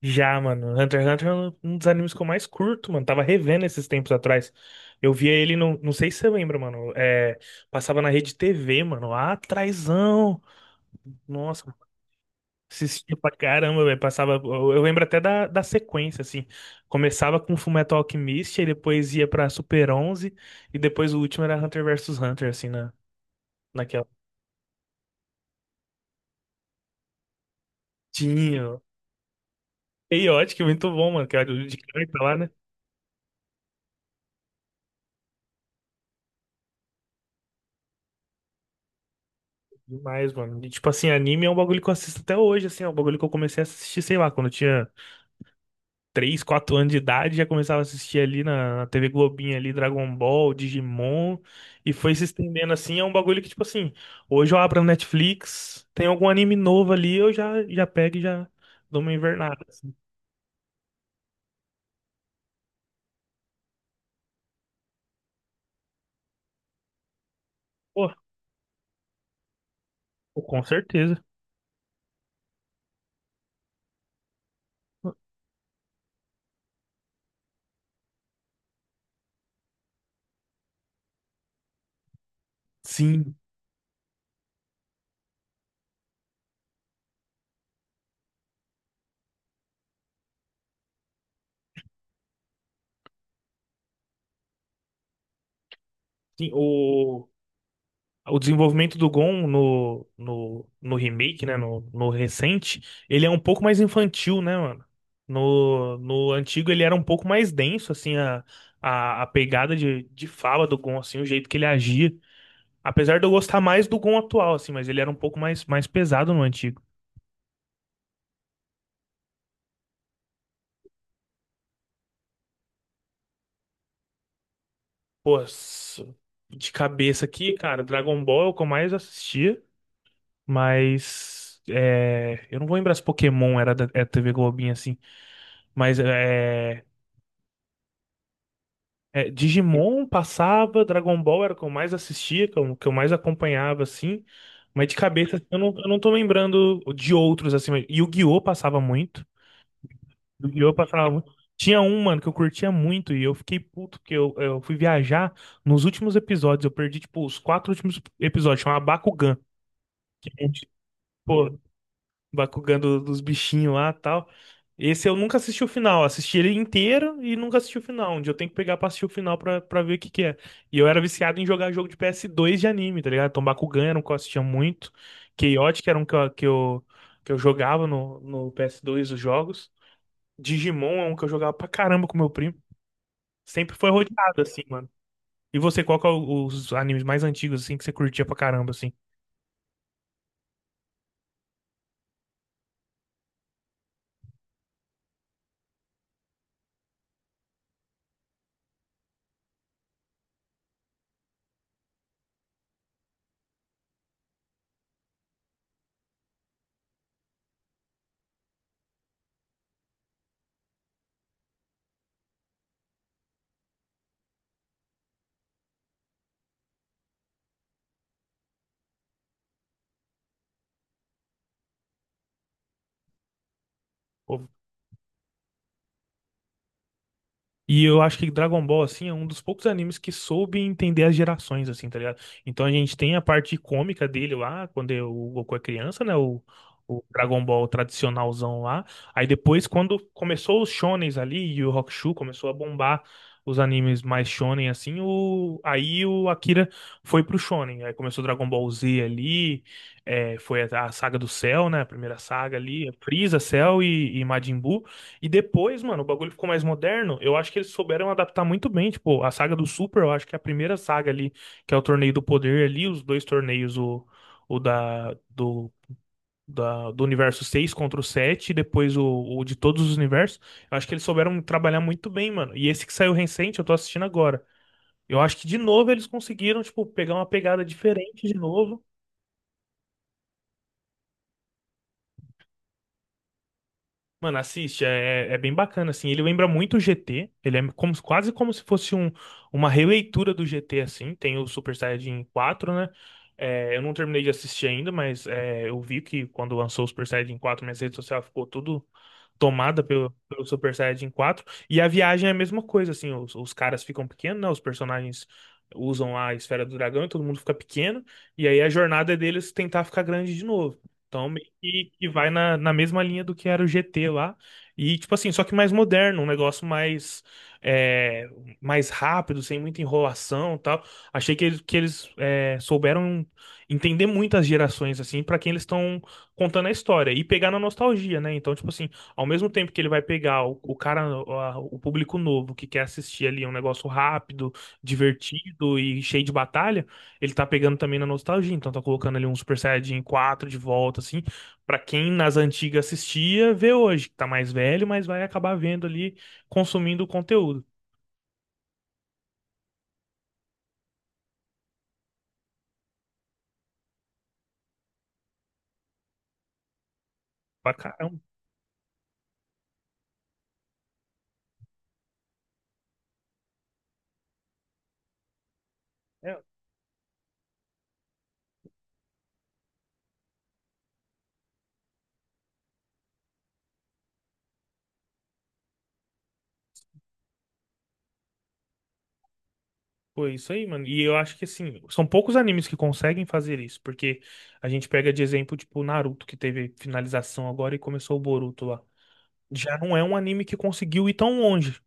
Já, mano. Hunter x Hunter é um dos animes que eu mais curto, mano. Tava revendo esses tempos atrás. Eu via ele, não sei se você lembra, mano. É, passava na rede TV, mano. Lá atrásão. Nossa, assistia pra caramba, velho. Passava. Eu lembro até da sequência, assim. Começava com Fullmetal Alchemist, aí depois ia pra Super 11, e depois o último era Hunter versus Hunter, assim, naquela. Tinha. Chaotic, muito bom, mano. Que era o de carta lá, né? Demais, mano. E, tipo assim, anime é um bagulho que eu assisto até hoje, assim, é um bagulho que eu comecei a assistir, sei lá, quando eu tinha 3 ou 4 anos de idade, já começava a assistir ali na TV Globinha ali, Dragon Ball, Digimon, e foi se estendendo assim, é um bagulho que, tipo assim, hoje eu abro a Netflix, tem algum anime novo ali, eu já pego e já dou uma invernada, assim. Pô, com certeza. Sim, sim, o desenvolvimento do Gon no remake, né? No recente, ele é um pouco mais infantil, né, mano? No antigo ele era um pouco mais denso, assim, a pegada de fala do Gon, assim, o jeito que ele agia. Apesar de eu gostar mais do Gon atual, assim, mas ele era um pouco mais pesado no antigo. Pô, de cabeça aqui, cara, Dragon Ball é o que eu mais assistia, mas, é, eu não vou lembrar se Pokémon era da TV Globinho assim, mas é. É, Digimon passava, Dragon Ball era o que eu mais assistia, que eu mais acompanhava, assim. Mas de cabeça, assim, eu não tô lembrando de outros, assim. Mas Yu-Gi-Oh! Passava muito. Yu-Gi-Oh! Passava muito. Tinha um, mano, que eu curtia muito e eu fiquei puto, porque eu fui viajar nos últimos episódios. Eu perdi, tipo, os 4 últimos episódios. Chama Bakugan, que é um tipo- Bakugan dos bichinhos lá e tal. Esse eu nunca assisti o final. Assisti ele inteiro e nunca assisti o final. Onde eu tenho que pegar pra assistir o final pra ver o que que é. E eu era viciado em jogar jogo de ps dois de anime, tá ligado? Então Bakugan era um que eu assistia muito. Chaotic era um que eu jogava no ps dois os jogos. Digimon é um que eu jogava pra caramba com meu primo. Sempre foi rodeado assim, mano. E você, qual que é os animes mais antigos assim que você curtia pra caramba assim? E eu acho que Dragon Ball, assim, é um dos poucos animes que soube entender as gerações, assim, tá ligado? Então a gente tem a parte cômica dele lá, quando é o Goku é criança, né? O Dragon Ball tradicionalzão lá. Aí depois, quando começou os shonens ali e o Hokushu começou a bombar os animes mais shonen, assim, aí o Akira foi pro shonen. Aí começou Dragon Ball Z ali, é, foi a saga do Cell, né? A primeira saga ali, Frieza, Cell e Majin Buu. E depois, mano, o bagulho ficou mais moderno. Eu acho que eles souberam adaptar muito bem. Tipo, a saga do Super, eu acho que é a primeira saga ali, que é o Torneio do Poder ali, os dois torneios, o da, do universo 6 contra o 7 e depois o de todos os universos. Eu acho que eles souberam trabalhar muito bem, mano. E esse que saiu recente, eu tô assistindo agora. Eu acho que de novo eles conseguiram, tipo, pegar uma pegada diferente de novo. Mano, assiste, é, é bem bacana, assim. Ele lembra muito o GT, ele é como, quase como se fosse uma releitura do GT, assim. Tem o Super Saiyajin 4, né? É, eu não terminei de assistir ainda, mas é, eu vi que quando lançou o Super Saiyajin 4, minha rede social ficou tudo tomada pelo Super Saiyajin 4. E a viagem é a mesma coisa, assim. Os caras ficam pequenos, né? Os personagens usam a esfera do dragão e todo mundo fica pequeno. E aí a jornada é deles tentar ficar grande de novo. Então, que vai na mesma linha do que era o GT lá. E, tipo assim, só que mais moderno, um negócio mais, é, mais rápido, sem muita enrolação e tal. Achei que eles souberam entender muitas gerações, assim, pra quem eles estão contando a história. E pegar na nostalgia, né? Então, tipo assim, ao mesmo tempo que ele vai pegar o cara, o público novo, que quer assistir ali um negócio rápido, divertido e cheio de batalha, ele tá pegando também na nostalgia. Então, tá colocando ali um Super Saiyajin 4 de volta, assim. Pra quem nas antigas assistia, vê hoje, que tá mais velho, mas vai acabar vendo ali, consumindo o conteúdo. Pra caramba. É, pô, é isso aí, mano. E eu acho que, assim, são poucos animes que conseguem fazer isso, porque a gente pega de exemplo, tipo, o Naruto, que teve finalização agora e começou o Boruto lá. Já não é um anime que conseguiu ir tão longe.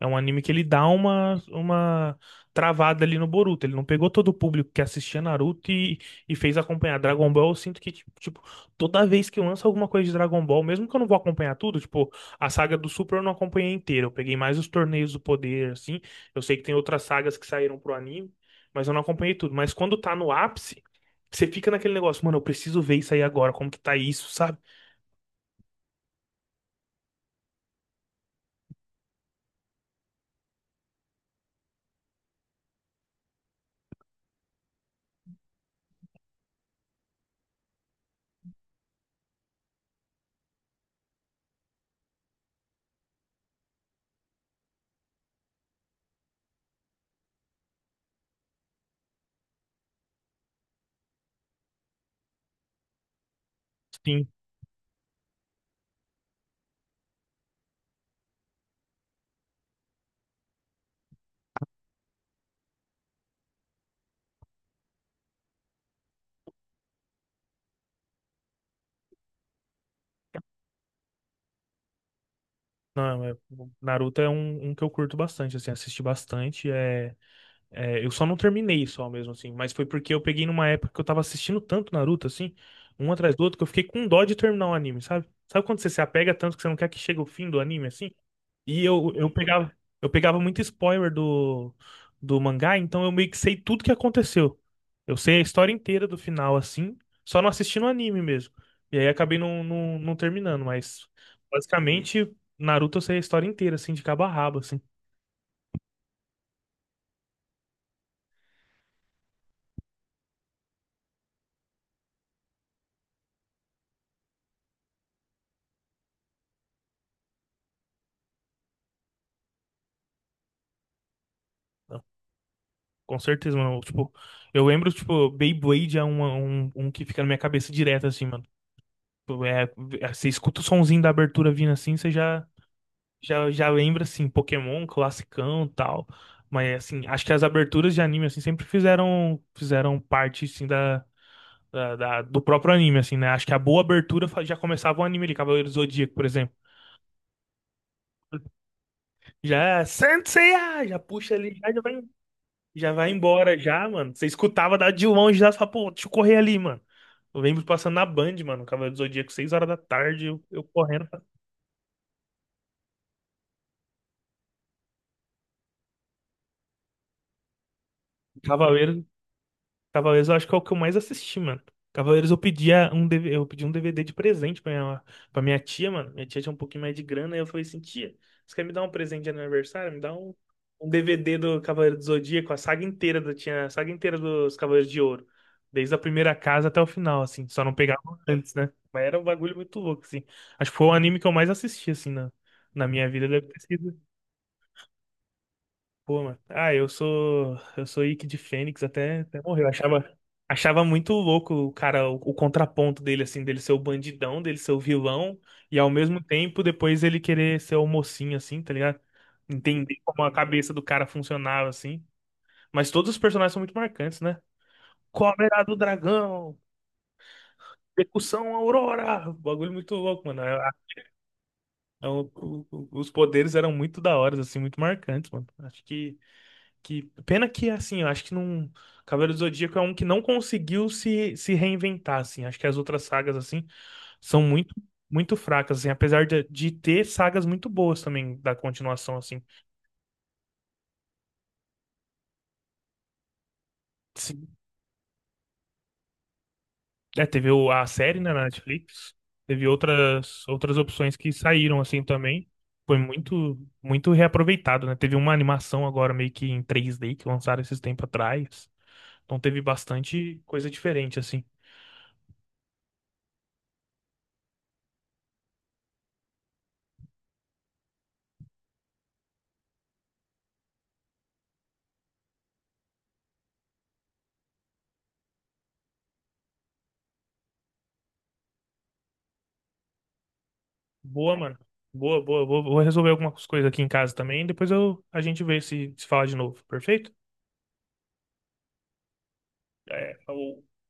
É um anime que ele dá uma travada ali no Boruto. Ele não pegou todo o público que assistia Naruto e fez acompanhar Dragon Ball. Eu sinto que, tipo, toda vez que eu lanço alguma coisa de Dragon Ball, mesmo que eu não vou acompanhar tudo, tipo, a saga do Super eu não acompanhei inteira. Eu peguei mais os torneios do poder, assim. Eu sei que tem outras sagas que saíram pro anime, mas eu não acompanhei tudo. Mas quando tá no ápice, você fica naquele negócio, mano, eu preciso ver isso aí agora, como que tá isso, sabe? Sim. Não, o Naruto é um que eu curto bastante, assim, assisti bastante. É, eu só não terminei só mesmo, assim, mas foi porque eu peguei numa época que eu tava assistindo tanto Naruto, assim, um atrás do outro, que eu fiquei com dó de terminar o anime, sabe? Sabe quando você se apega tanto que você não quer que chegue o fim do anime, assim? E eu pegava muito spoiler do mangá, então eu meio que sei tudo que aconteceu. Eu sei a história inteira do final, assim, só não assisti no anime mesmo. E aí acabei não terminando, mas basicamente, Naruto eu sei a história inteira, assim, de cabo a rabo, assim. Com certeza, mano. Tipo, eu lembro, tipo, Beyblade é um que fica na minha cabeça direto, assim, mano. Tipo, você escuta o sonzinho da abertura vindo assim, você já lembra, assim, Pokémon, classicão e tal. Mas, assim, acho que as aberturas de anime, assim, sempre fizeram parte, assim, do próprio anime, assim, né? Acho que a boa abertura já começava o anime ali, Cavaleiro do Zodíaco, por exemplo. Já, é Saint Seiya! Já puxa ali, já vai. Já vai embora, já, mano. Você escutava da de longe, já, você fala, pô, deixa eu correr ali, mano. Eu lembro passando na Band, mano, Cavaleiro do Zodíaco, 6 horas da tarde, eu correndo pra Cavaleiro. Cavaleiros eu acho que é o que eu mais assisti, mano. Cavaleiros eu pedia um DV eu pedi um DVD de presente pra minha tia, mano. Minha tia tinha um pouquinho mais de grana, e eu falei assim, tia, você quer me dar um presente de aniversário? Me dá um DVD do Cavaleiro do Zodíaco, a saga inteira tinha a saga inteira dos Cavaleiros de Ouro. Desde a primeira casa até o final, assim. Só não pegava antes, né? Mas era um bagulho muito louco, assim. Acho que foi o anime que eu mais assisti, assim, na minha vida. Deve ter sido. Pô, mano. Ah, eu sou. Eu sou Ike de Fênix até morreu. Achava muito louco o cara, o contraponto dele, assim, dele ser o bandidão, dele ser o vilão, e ao mesmo tempo depois ele querer ser o mocinho, assim, tá ligado? Entender como a cabeça do cara funcionava, assim. Mas todos os personagens são muito marcantes, né? Cólera do dragão, percussão Aurora. Bagulho muito louco, mano. Os poderes eram muito da hora, assim, muito marcantes, mano. Acho que. Que pena que assim, eu acho que não. Cavaleiro do Zodíaco é um que não conseguiu se reinventar assim. Acho que as outras sagas assim são muito muito fracas assim, apesar de ter sagas muito boas também da continuação assim. Sim. É, teve a série né, na Netflix, teve outras opções que saíram assim também. Foi muito muito reaproveitado, né? Teve uma animação agora meio que em 3D que lançaram esses tempos atrás. Então teve bastante coisa diferente assim. Boa, mano. Boa, boa. Vou resolver algumas coisas aqui em casa também. Depois a gente vê se fala de novo. Perfeito? É, falou.